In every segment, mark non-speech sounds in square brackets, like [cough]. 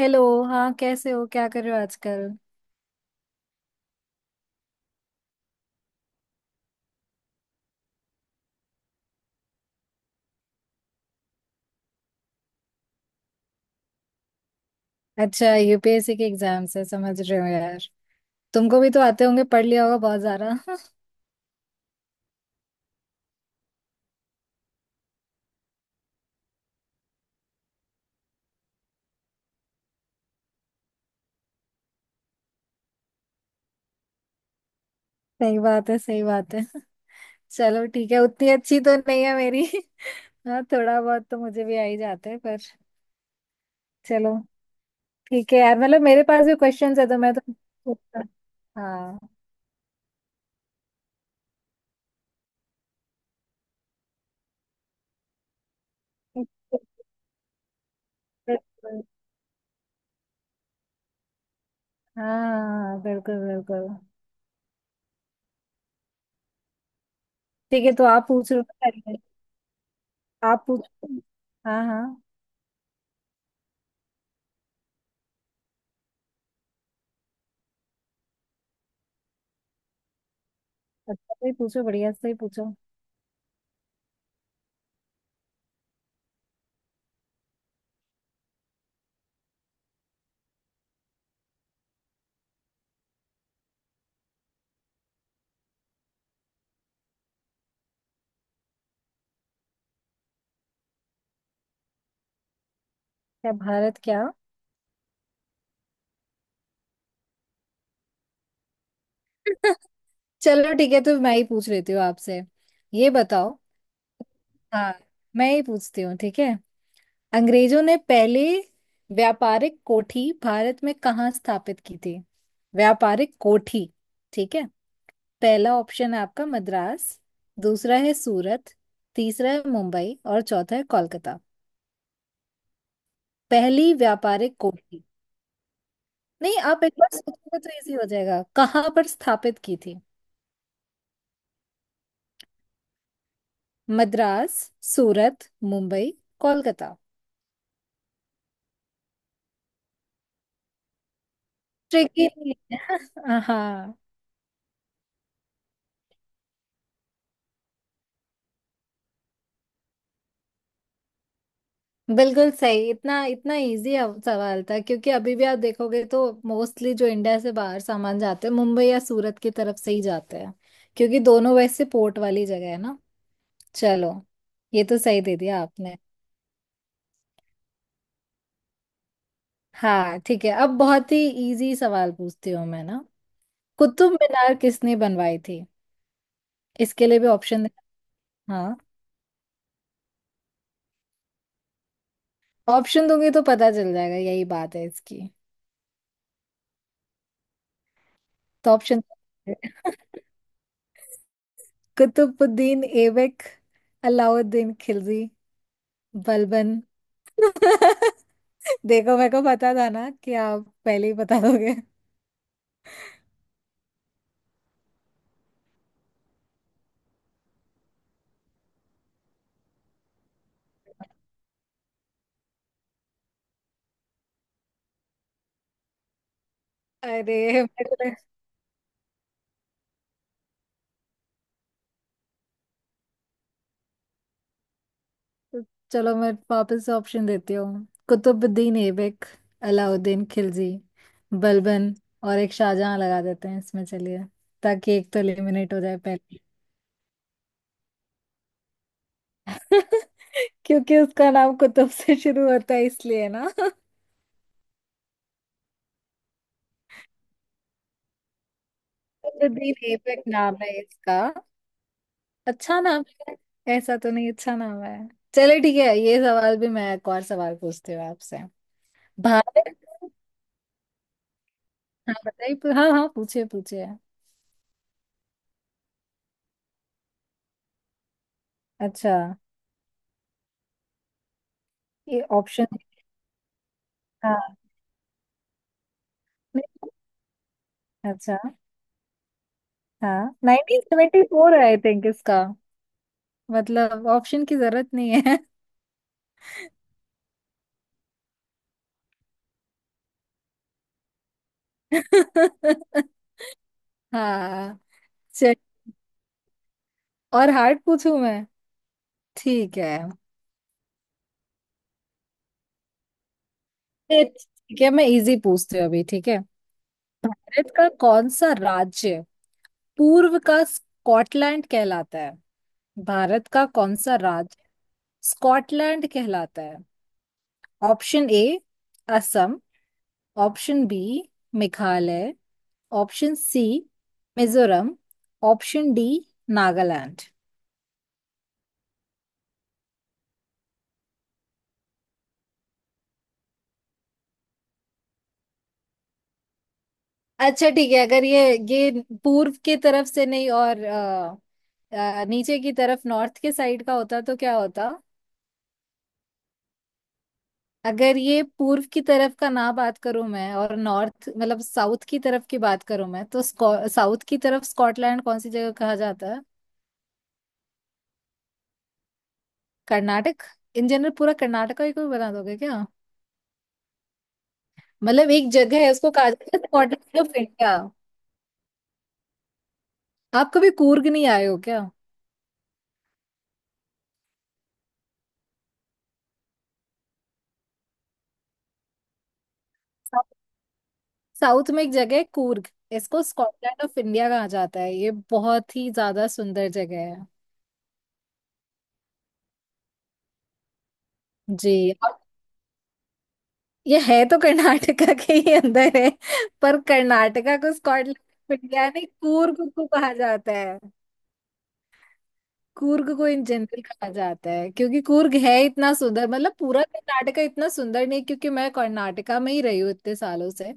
Hello. हाँ कैसे हो? क्या कर रहे हो आजकल? अच्छा, यूपीएससी के एग्जाम्स है। समझ रहे हो यार। तुमको भी तो आते होंगे, पढ़ लिया होगा बहुत सारा। [laughs] सही बात है, सही बात है। चलो ठीक है, उतनी अच्छी तो नहीं है मेरी। [laughs] हाँ, थोड़ा बहुत तो मुझे भी आ ही जाता है पर। चलो ठीक है यार, मतलब मेरे पास भी क्वेश्चंस है तो मैं तो। हाँ, बिल्कुल। हाँ हाँ, बिल्कुल बिल्कुल। ठीक है, तो आप पूछ रहे हो ना पहले? आप पूछो। हाँ हाँ। अच्छा से ही पूछो, बढ़िया से ही पूछो। क्या भारत क्या? [laughs] चलो ठीक है, तो मैं ही पूछ लेती हूँ आपसे। ये बताओ। हाँ, मैं ही पूछती हूँ ठीक है। अंग्रेजों ने पहले व्यापारिक कोठी भारत में कहाँ स्थापित की थी? व्यापारिक कोठी। ठीक है। पहला ऑप्शन है आपका मद्रास, दूसरा है सूरत, तीसरा है मुंबई और चौथा है कोलकाता। पहली व्यापारिक कोठी। नहीं, आप एक बार सोचोगे तो इजी हो जाएगा। कहाँ पर स्थापित की थी? मद्रास, सूरत, मुंबई, कोलकाता। ट्रिकी? [laughs] हाँ। बिल्कुल सही। इतना इतना इजी सवाल था, क्योंकि अभी भी आप देखोगे तो मोस्टली जो इंडिया से बाहर सामान जाते हैं मुंबई या सूरत की तरफ से ही जाते हैं, क्योंकि दोनों वैसे पोर्ट वाली जगह है ना। चलो, ये तो सही दे दिया आपने। हाँ ठीक है, अब बहुत ही इजी सवाल पूछती हूँ मैं ना। कुतुब मीनार किसने बनवाई थी? इसके लिए भी ऑप्शन। हाँ। ऑप्शन दूंगी तो पता चल जाएगा, यही बात है इसकी। तो ऑप्शन। [laughs] कुतुबुद्दीन ऐबक, अलाउद्दीन खिलजी, बलबन। [laughs] देखो, मेरे को पता था ना कि आप पहले ही बता दोगे। अरे मेरे को- चलो मैं वापस ऑप्शन देती हूँ। कुतुबुद्दीन ऐबक, अलाउद्दीन खिलजी, बलबन और एक शाहजहां लगा देते हैं इसमें, चलिए। ताकि एक तो एलिमिनेट हो जाए पहले। [laughs] क्योंकि उसका नाम कुतुब से शुरू होता है इसलिए ना। [laughs] कुतुबुद्दीन ऐबक नाम है इसका। अच्छा नाम है। ऐसा तो नहीं अच्छा नाम है। चले ठीक है, ये सवाल भी मैं, एक और सवाल पूछती हूँ आपसे। भारत। हाँ बताइए, हाँ हाँ, पूछिए पूछिए। अच्छा। ये ऑप्शन। हाँ। नहीं। अच्छा। हाँ, nineteen seventy four I think इसका। मतलब ऑप्शन की जरूरत नहीं है। [laughs] हाँ। चल और हार्ड पूछूं मैं? ठीक है। ये ठीक है, मैं इजी पूछती हूँ अभी ठीक है। भारत का कौन सा राज्य पूर्व का स्कॉटलैंड कहलाता है? भारत का कौन सा राज्य स्कॉटलैंड कहलाता है? Option A Assam, option B Meghalaya, option C Mizoram, option D Nagaland. अच्छा ठीक है। अगर ये पूर्व के तरफ से नहीं और नीचे की तरफ नॉर्थ के साइड का होता तो क्या होता? अगर ये पूर्व की तरफ का ना, बात करूं मैं, और नॉर्थ मतलब साउथ की तरफ की बात करूं मैं, तो साउथ की तरफ स्कॉटलैंड कौन सी जगह कहा जाता है? कर्नाटक? इन जनरल पूरा कर्नाटका ही कोई बना दोगे क्या? मतलब एक जगह है, उसको कहा जाता है स्कॉटलैंड ऑफ इंडिया। आप कभी कूर्ग नहीं आए हो क्या? साउथ में एक जगह है कूर्ग, इसको स्कॉटलैंड ऑफ इंडिया कहा जाता है। ये बहुत ही ज्यादा सुंदर जगह है। जी, ये है तो कर्नाटका के ही अंदर है, पर कर्नाटका को स्कॉटलैंड ऑफ इंडिया नहीं, कूर्ग को कहा जाता है। कूर्ग को इन जनरल कहा जाता है क्योंकि कूर्ग है इतना सुंदर, मतलब पूरा कर्नाटका इतना सुंदर नहीं, क्योंकि मैं कर्नाटका में ही रही हूँ इतने सालों से।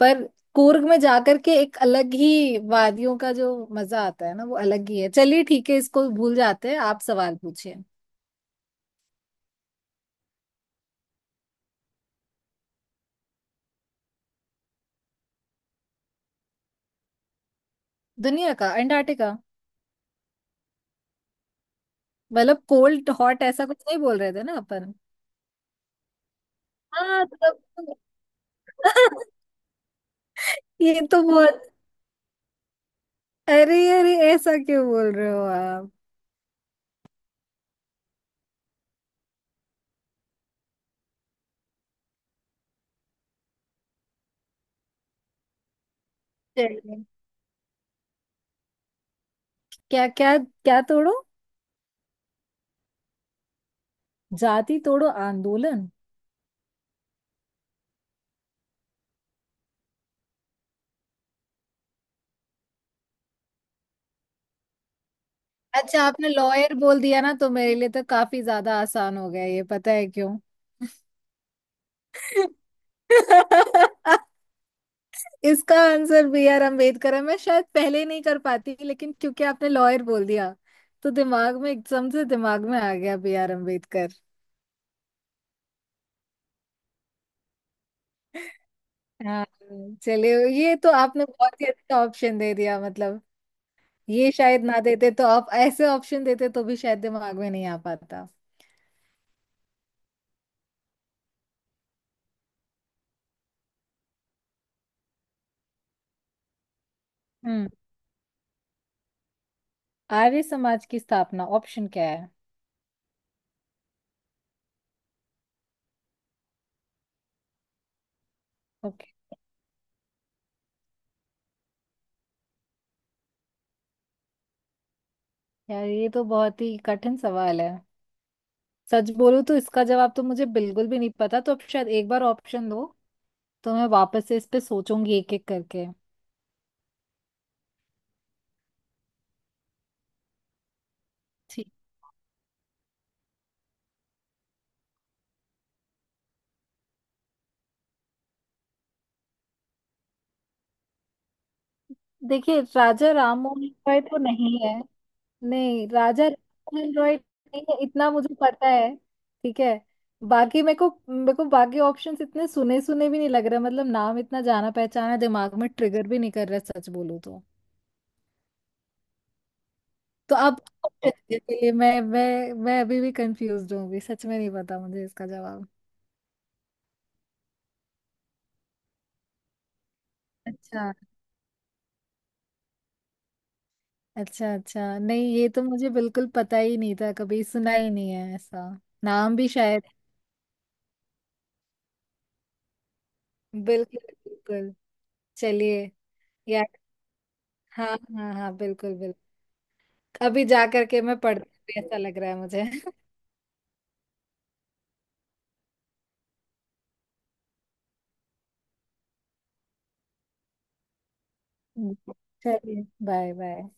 पर कूर्ग में जाकर के एक अलग ही वादियों का जो मजा आता है ना वो अलग ही है। चलिए ठीक है, इसको भूल जाते हैं, आप सवाल पूछिए। दुनिया का अंटार्कटिका। मतलब कोल्ड हॉट ऐसा कुछ नहीं बोल रहे थे ना अपन? हाँ तब। [laughs] ये तो बहुत। अरे अरे, ऐसा क्यों बोल रहे हो आप? चलिए। क्या क्या क्या तोड़ो? जाति तोड़ो आंदोलन। अच्छा, आपने लॉयर बोल दिया ना, तो मेरे लिए तो काफी ज्यादा आसान हो गया। ये पता है क्यों? [laughs] इसका आंसर बी आर अम्बेडकर है। मैं शायद पहले नहीं कर पाती, लेकिन क्योंकि आपने लॉयर बोल दिया, तो दिमाग में एकदम से, दिमाग में आ गया बी आर अम्बेडकर। हाँ चलिए, ये तो आपने बहुत ही अच्छा ऑप्शन दे दिया, मतलब ये शायद ना देते तो, आप ऐसे ऑप्शन देते तो भी शायद दिमाग में नहीं आ पाता। हम्म। आर्य समाज की स्थापना ऑप्शन क्या है? ओके। यार ये तो बहुत ही कठिन सवाल है, सच बोलूं तो इसका जवाब तो मुझे बिल्कुल भी नहीं पता। तो आप शायद एक बार ऑप्शन दो, तो मैं वापस से इस पे सोचूंगी एक एक करके। ठीक। देखिए, राजा राम मोहन रॉय तो नहीं है। नहीं, राजा राममोहन रॉय नहीं है इतना मुझे पता है। ठीक है। बाकी मेरे को बाकी ऑप्शंस इतने सुने सुने भी नहीं लग रहा, मतलब नाम इतना जाना पहचाना दिमाग में ट्रिगर भी नहीं कर रहा सच बोलूं तो। तो अब [laughs] लिए मैं, मैं अभी भी कंफ्यूज हूँ, अभी सच में नहीं पता मुझे इसका जवाब। अच्छा अच्छा, अच्छा नहीं, ये तो मुझे बिल्कुल पता ही नहीं था, कभी सुना ही नहीं है ऐसा नाम भी शायद। बिल्कुल बिल्कुल। चलिए। यार। हाँ हाँ हाँ, बिल्कुल बिल्कुल। अभी जा करके मैं पढ़ती हूँ, ऐसा लग रहा है मुझे। [laughs] चलिए, बाय बाय।